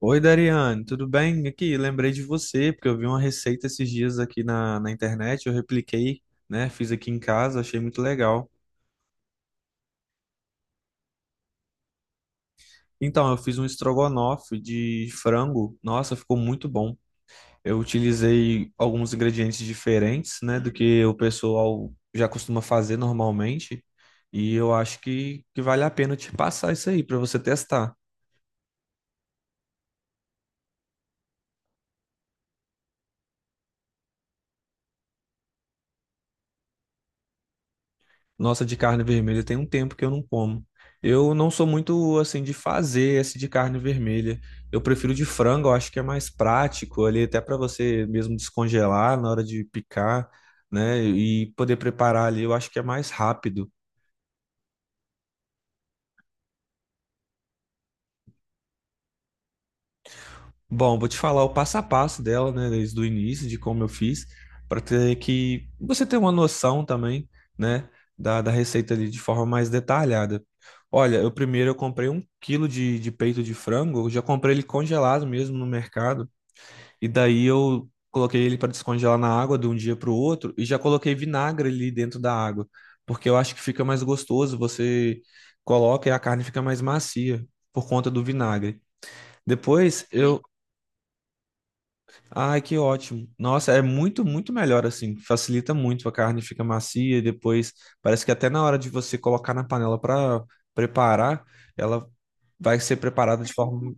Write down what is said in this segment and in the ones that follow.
Oi, Dariane, tudo bem? Aqui, lembrei de você, porque eu vi uma receita esses dias aqui na internet, eu repliquei, né? Fiz aqui em casa, achei muito legal. Então, eu fiz um estrogonofe de frango, nossa, ficou muito bom. Eu utilizei alguns ingredientes diferentes, né, do que o pessoal já costuma fazer normalmente, e eu acho que vale a pena eu te passar isso aí para você testar. Nossa, de carne vermelha tem um tempo que eu não como. Eu não sou muito assim de fazer esse de carne vermelha. Eu prefiro de frango, eu acho que é mais prático ali, até para você mesmo descongelar na hora de picar, né? E poder preparar ali, eu acho que é mais rápido. Bom, vou te falar o passo a passo dela, né, desde o início, de como eu fiz, para ter que você ter uma noção também, né, da receita ali de forma mais detalhada. Olha, eu primeiro eu comprei um quilo de peito de frango, eu já comprei ele congelado mesmo no mercado, e daí eu coloquei ele para descongelar na água de um dia para o outro, e já coloquei vinagre ali dentro da água, porque eu acho que fica mais gostoso, você coloca e a carne fica mais macia por conta do vinagre. Depois eu. Ai, que ótimo. Nossa, é muito, muito melhor assim. Facilita muito, a carne fica macia e depois parece que até na hora de você colocar na panela para preparar, ela vai ser preparada de forma.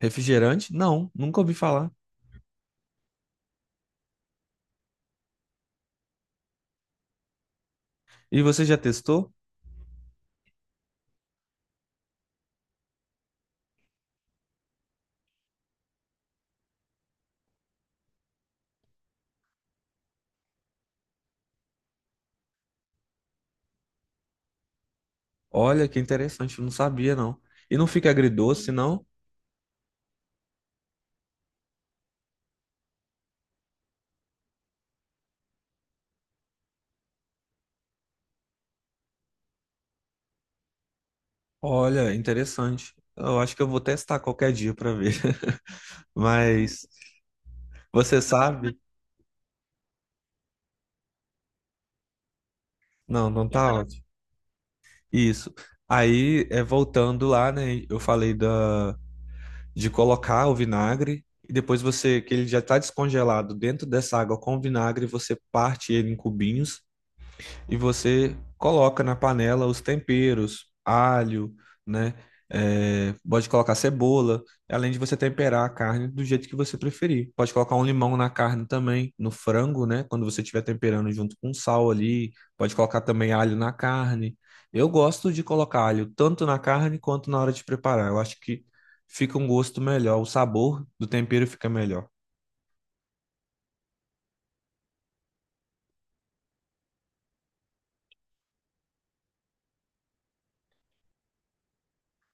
Refrigerante? Não, nunca ouvi falar. E você já testou? Olha, que interessante, eu não sabia não. E não fica agridoce, não? Olha, interessante. Eu acho que eu vou testar qualquer dia para ver. Mas você sabe? Não, não tá ótimo. Isso. Aí, é, voltando lá, né? Eu falei da, de colocar o vinagre e depois você, que ele já está descongelado dentro dessa água com o vinagre, você parte ele em cubinhos e você coloca na panela os temperos, alho, né? É, pode colocar cebola, além de você temperar a carne do jeito que você preferir. Pode colocar um limão na carne também, no frango, né? Quando você estiver temperando junto com sal ali, pode colocar também alho na carne. Eu gosto de colocar alho tanto na carne quanto na hora de preparar. Eu acho que fica um gosto melhor, o sabor do tempero fica melhor.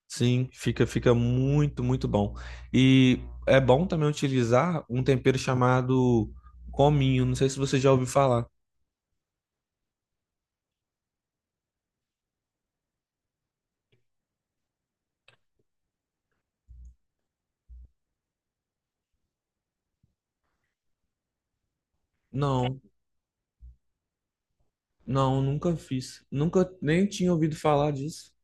Sim, fica muito, muito bom. E é bom também utilizar um tempero chamado cominho, não sei se você já ouviu falar. Não, não, nunca fiz. Nunca nem tinha ouvido falar disso.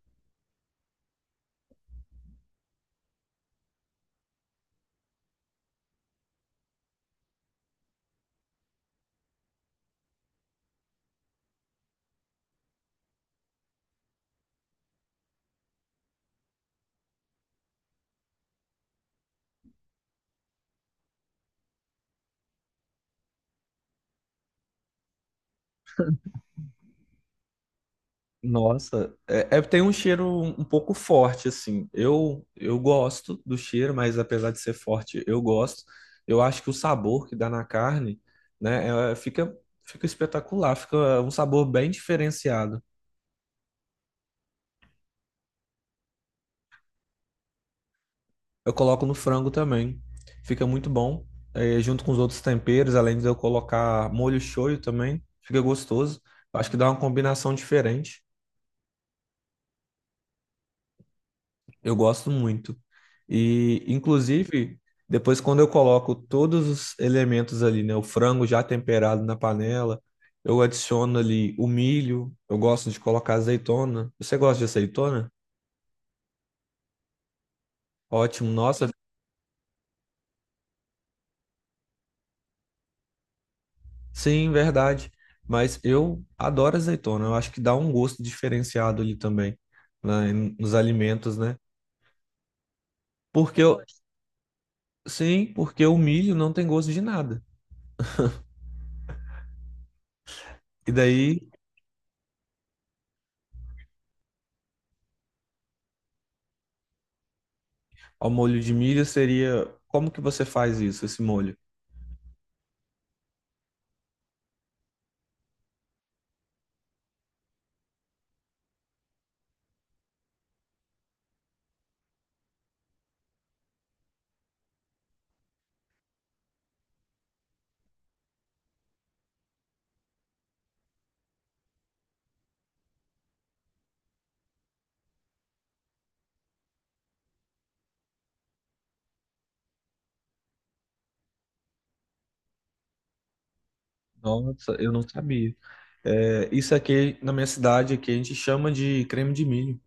Nossa, é, é- tem um cheiro um, um pouco forte assim. Eu gosto do cheiro, mas apesar de ser forte, eu gosto. Eu acho que o sabor que dá na carne, né, é- fica espetacular, fica um sabor bem diferenciado. Eu coloco no frango também. Fica muito bom. É, junto com os outros temperos, além de eu colocar molho shoyu também, fica gostoso. Eu acho que dá uma combinação diferente. Eu gosto muito. E, inclusive, depois quando eu coloco todos os elementos ali, né? O frango já temperado na panela, eu adiciono ali o milho, eu gosto de colocar azeitona. Você gosta de azeitona? Ótimo. Nossa. Sim, verdade. Mas eu adoro azeitona. Eu acho que dá um gosto diferenciado ali também, né, em- nos alimentos, né? Porque eu, sim, porque o milho não tem gosto de nada. E daí, ao molho de milho seria, como que você faz isso, esse molho? Nossa, eu não sabia. É, isso aqui na minha cidade aqui a gente chama de creme de milho.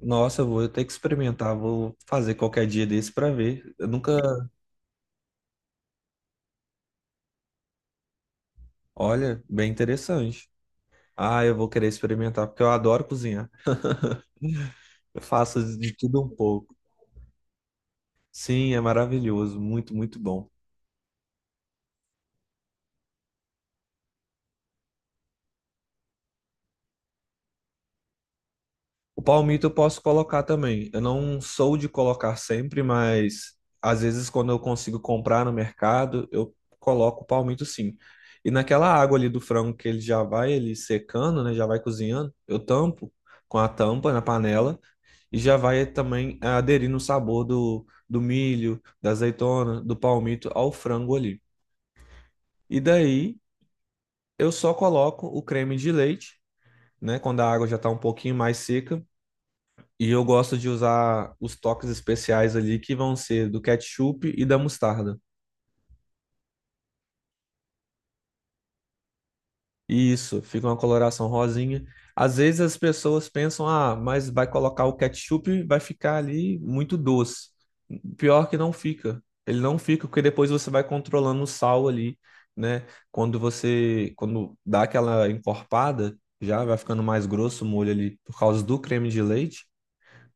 Nossa, eu vou ter que experimentar, vou fazer qualquer dia desse para ver. Eu nunca, olha, bem interessante. Ah, eu vou querer experimentar, porque eu adoro cozinhar. Eu faço de tudo um pouco. Sim, é maravilhoso, muito, muito bom. O palmito eu posso colocar também. Eu não sou de colocar sempre, mas às vezes quando eu consigo comprar no mercado, eu coloco o palmito sim. E naquela água ali do frango que ele já vai ele secando, né, já vai cozinhando, eu tampo com a tampa na panela e já vai também aderindo o sabor do milho, da azeitona, do palmito ao frango ali. E daí eu só coloco o creme de leite, né? Quando a água já está um pouquinho mais seca. E eu gosto de usar os toques especiais ali, que vão ser do ketchup e da mostarda. E isso, fica uma coloração rosinha. Às vezes as pessoas pensam, ah, mas vai colocar o ketchup, vai ficar ali muito doce. Pior que não fica. Ele não fica, porque depois você vai controlando o sal ali, né? Quando você, quando dá aquela encorpada, já vai ficando mais grosso o molho ali por causa do creme de leite.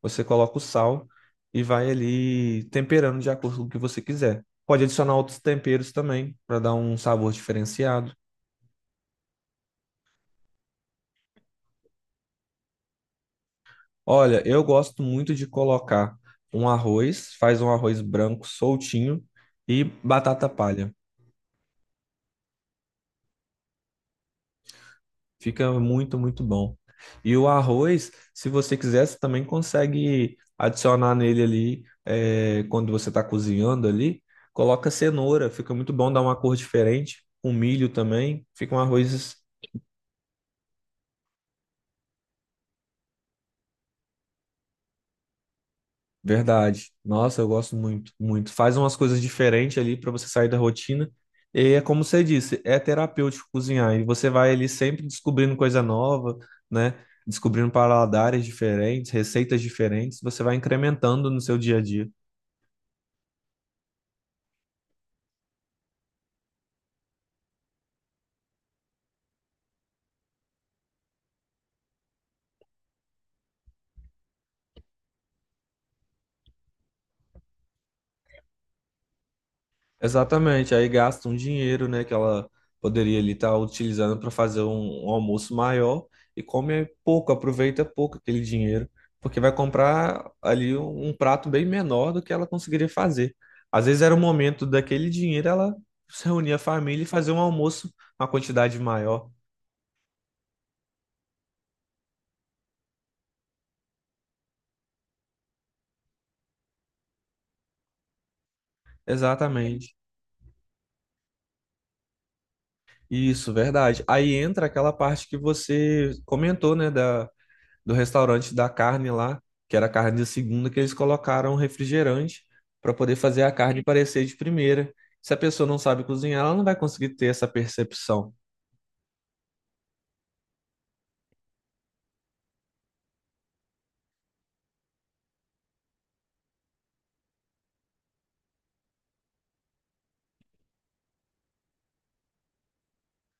Você coloca o sal e vai ali temperando de acordo com o que você quiser. Pode adicionar outros temperos também para dar um sabor diferenciado. Olha, eu gosto muito de colocar um arroz, faz um arroz branco soltinho e batata palha. Fica muito, muito bom. E o arroz, se você quiser, você também consegue adicionar nele ali, quando você está cozinhando ali, coloca cenoura, fica muito bom, dá uma cor diferente. Com milho também, fica um arroz. Verdade. Nossa, eu gosto muito, muito. Faz umas coisas diferentes ali para você sair da rotina. E é como você disse, é terapêutico cozinhar. E você vai ali sempre descobrindo coisa nova, né? Descobrindo paladares diferentes, receitas diferentes. Você vai incrementando no seu dia a dia. Exatamente, aí gasta um dinheiro, né, que ela poderia ali estar utilizando para fazer um almoço maior e come pouco, aproveita pouco aquele dinheiro, porque vai comprar ali um prato bem menor do que ela conseguiria fazer. Às vezes era o momento daquele dinheiro ela se reunir a família e fazer um almoço, uma quantidade maior. Exatamente. Isso, verdade. Aí entra aquela parte que você comentou, né, da do restaurante da carne lá, que era a carne de segunda, que eles colocaram refrigerante para poder fazer a carne parecer de primeira. Se a pessoa não sabe cozinhar, ela não vai conseguir ter essa percepção.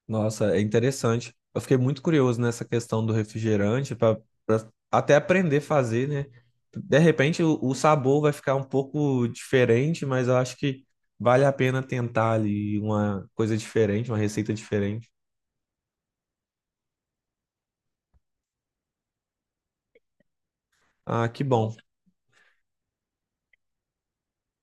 Nossa, é interessante. Eu fiquei muito curioso nessa questão do refrigerante para até aprender a fazer, né? De repente o sabor vai ficar um pouco diferente, mas eu acho que vale a pena tentar ali uma coisa diferente, uma receita diferente. Ah, que bom.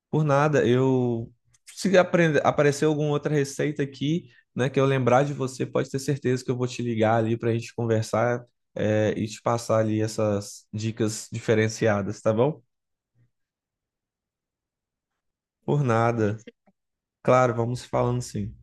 Por nada, eu se aprender, aparecer alguma outra receita aqui, né, que eu lembrar de você, pode ter certeza que eu vou te ligar ali para a gente conversar, e te passar ali essas dicas diferenciadas, tá bom? Por nada. Claro, vamos falando sim.